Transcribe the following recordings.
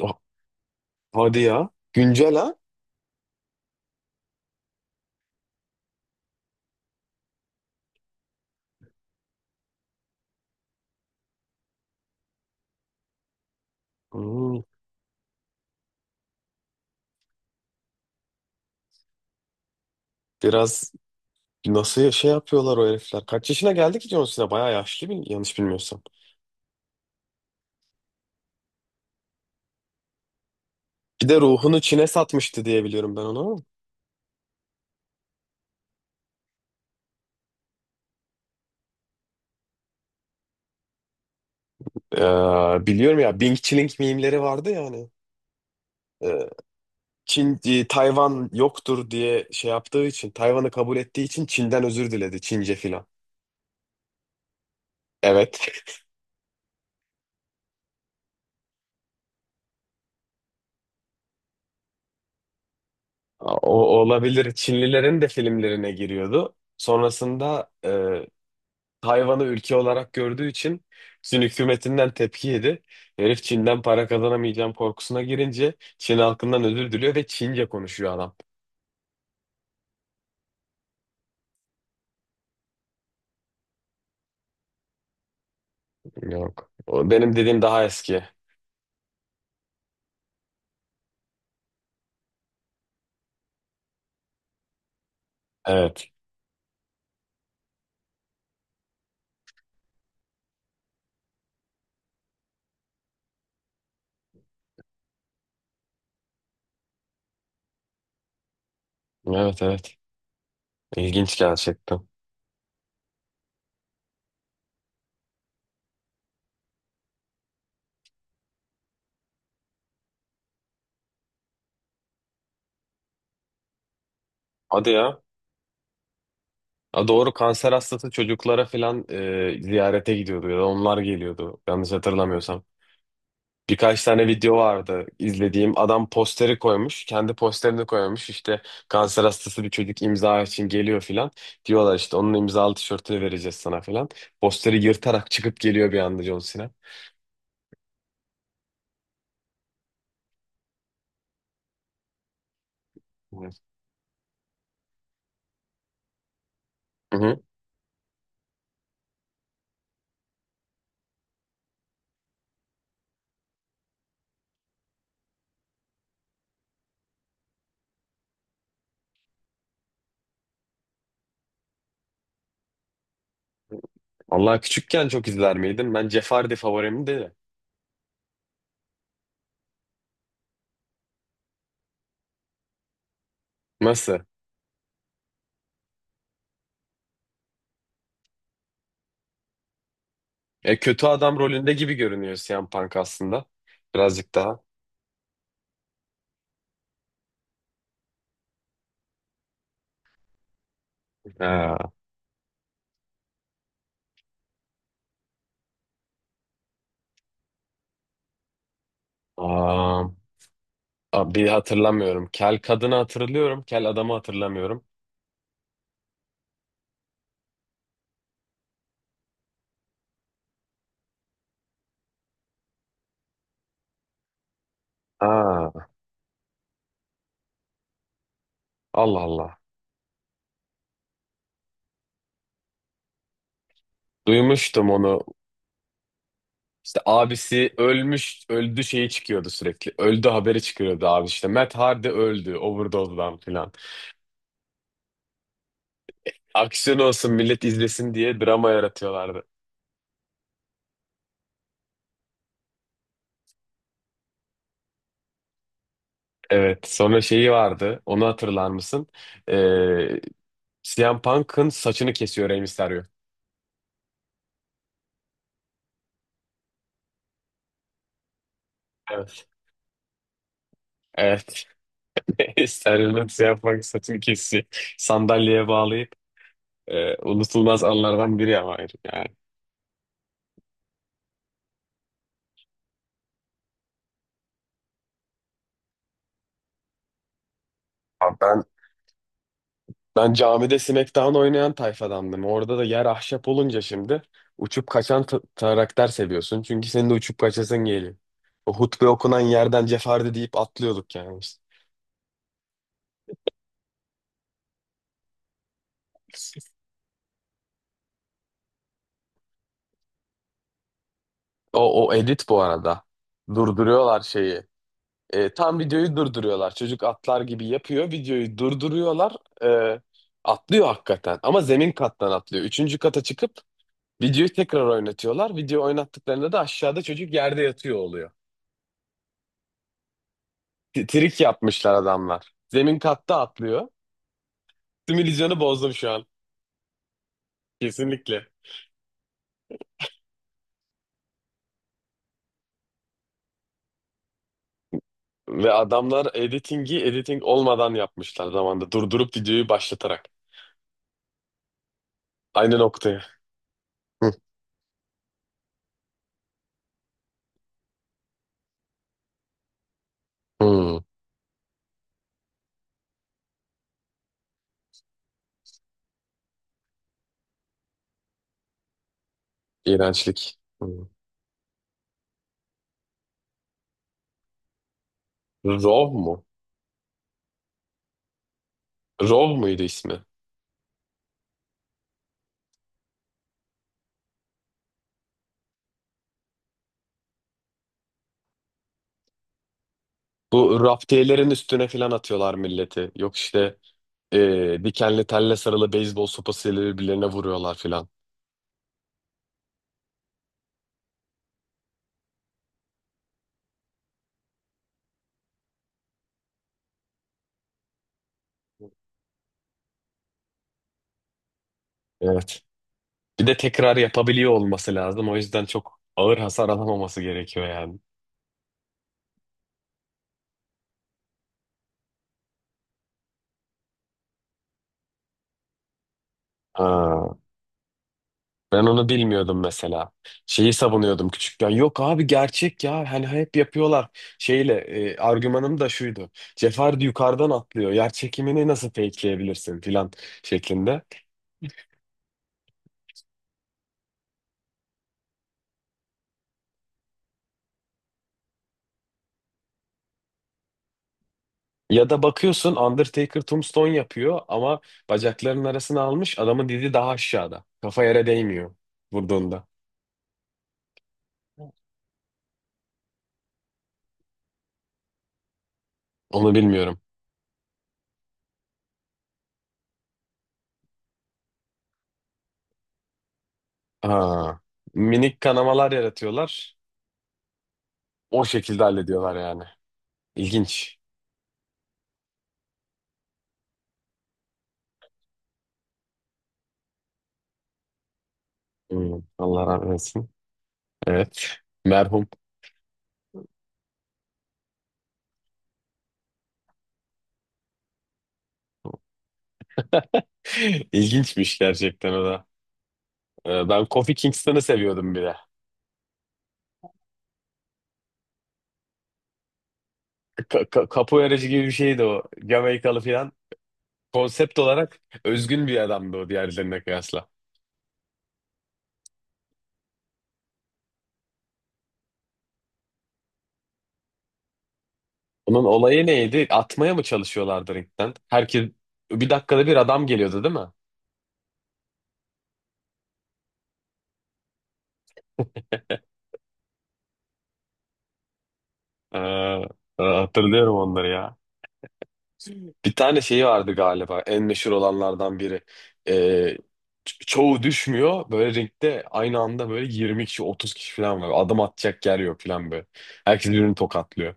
Ah, hadi ya. Güncel ha? Hmm. Biraz şey yapıyorlar o herifler? Kaç yaşına geldi ki John Cena? Bayağı yaşlı yanlış bilmiyorsam. Bir de ruhunu Çin'e satmıştı diye biliyorum ben onu. Biliyorum ya Bing Chilling mimleri vardı ya hani. Ee, Tayvan yoktur diye şey yaptığı için, Tayvan'ı kabul ettiği için Çin'den özür diledi Çince filan. Evet. O olabilir. Çinlilerin de filmlerine giriyordu. Sonrasında Tayvan'ı ülke olarak gördüğü için Çin hükümetinden tepki yedi. Herif Çin'den para kazanamayacağım korkusuna girince Çin halkından özür diliyor ve Çince konuşuyor adam. Yok. O benim dediğim daha eski. Evet. Evet, evet. İlginç gerçekten. Hadi ya. Ha, doğru, kanser hastası çocuklara filan ziyarete gidiyordu ya da onlar geliyordu. Yanlış hatırlamıyorsam. Birkaç tane video vardı izlediğim. Adam posteri koymuş. Kendi posterini koymuş. İşte kanser hastası bir çocuk imza için geliyor filan. Diyorlar işte onun imzalı tişörtünü vereceğiz sana filan. Posteri yırtarak çıkıp geliyor bir anda John Cena. Hı hı. Allah, küçükken çok izler miydin? Ben Jeopardy favorimdi de. Nasıl? Kötü adam rolünde gibi görünüyor Siyan Punk aslında. Birazcık daha. Ha, aa, aa, bir hatırlamıyorum. Kel kadını hatırlıyorum. Kel adamı hatırlamıyorum. Ha, Allah Allah. Duymuştum onu. İşte abisi ölmüş, öldü şeyi çıkıyordu sürekli. Öldü haberi çıkıyordu abi işte. Matt Hardy öldü, overdose'dan filan. Aksiyon olsun millet izlesin diye drama yaratıyorlardı. Evet, sonra şeyi vardı. Onu hatırlar mısın? Ee, CM Punk'ın saçını kesiyor Rey Mysterio. Evet. Evet. Steriliniz yapmak saçım kesici. Sandalyeye bağlayıp unutulmaz anlardan biri ama herif yani. Abi ben camide Smackdown oynayan tayfadandım. Orada da yer ahşap olunca şimdi uçup kaçan karakter seviyorsun. Çünkü senin de uçup kaçasın geliyor. O hutbe okunan yerden cefardı deyip atlıyorduk yani, biz. O edit bu arada. Durduruyorlar şeyi. Tam videoyu durduruyorlar. Çocuk atlar gibi yapıyor. Videoyu durduruyorlar. E, atlıyor hakikaten. Ama zemin kattan atlıyor. Üçüncü kata çıkıp videoyu tekrar oynatıyorlar. Video oynattıklarında da aşağıda çocuk yerde yatıyor oluyor. Trik yapmışlar adamlar. Zemin katta atlıyor. Simülasyonu bozdum şu an. Kesinlikle. Ve adamlar editingi editing olmadan yapmışlar zamanda. Durdurup videoyu başlatarak. Aynı noktaya. Hı. Hmm, iğrençlik. Hmm. Rov mu? Rov muydu ismi? Bu raftiyelerin üstüne filan atıyorlar milleti. Yok işte dikenli telle sarılı beyzbol sopasıyla birbirlerine vuruyorlar filan. Evet. Bir de tekrar yapabiliyor olması lazım. O yüzden çok ağır hasar alamaması gerekiyor yani. Ha, ben onu bilmiyordum mesela. Şeyi savunuyordum küçükken. Yok abi, gerçek ya. Hani hep yapıyorlar. Şeyle argümanım da şuydu. Cefer yukarıdan atlıyor. Yer çekimini nasıl fakeleyebilirsin filan şeklinde. Ya da bakıyorsun Undertaker tombstone yapıyor ama bacaklarının arasına almış adamın, dili daha aşağıda. Kafa yere değmiyor vurduğunda. Onu bilmiyorum. Aa, minik kanamalar yaratıyorlar. O şekilde hallediyorlar yani. İlginç. Hmm, Allah rahmet eylesin. Evet. Merhum. İlginçmiş gerçekten o da. Ben Kofi Kingston'ı seviyordum bir de. Capoeiracı gibi bir şeydi o. Jamaikalı falan. Konsept olarak özgün bir adamdı o, diğerlerine kıyasla. Onun olayı neydi? Atmaya mı çalışıyorlardı ringden? Herkes bir dakikada bir adam geliyordu değil mi? Hatırlıyorum onları ya. Bir tane şeyi vardı galiba, en meşhur olanlardan biri. Ee, çoğu düşmüyor. Böyle ringde aynı anda böyle 20 kişi 30 kişi falan var. Adım atacak yer yok falan böyle. Herkes birbirini tokatlıyor.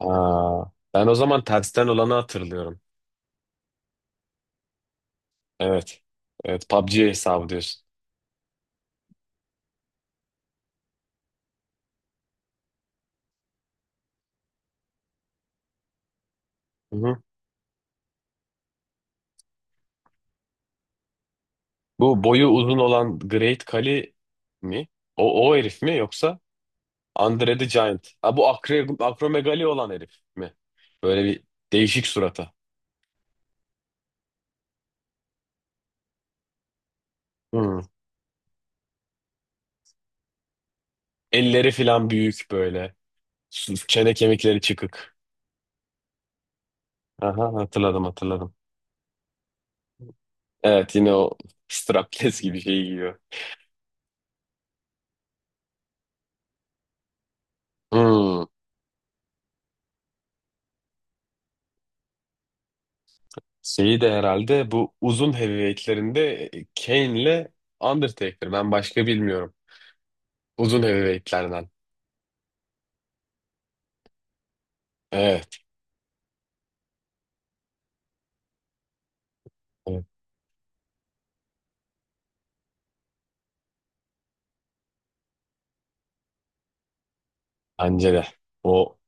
Aa, ben o zaman tersten olanı hatırlıyorum. Evet. Evet, PUBG hesabı diyorsun. Hı. Bu boyu uzun olan Great Kali mi? O herif mi, yoksa Andre the Giant? Ha, bu akromegali olan herif mi? Böyle bir değişik surata. Hmm. Elleri filan büyük böyle. Çene kemikleri çıkık. Aha, hatırladım hatırladım. Evet, yine o strapless gibi şeyi giyiyor. Hmm. Şeyi de herhalde bu uzun heavyweightlerinde Kane'le Undertaker. Ben başka bilmiyorum. Uzun heavyweightlerden. Evet. Evet. Bence de. O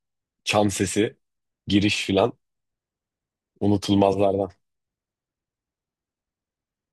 çan sesi, giriş filan unutulmazlardan.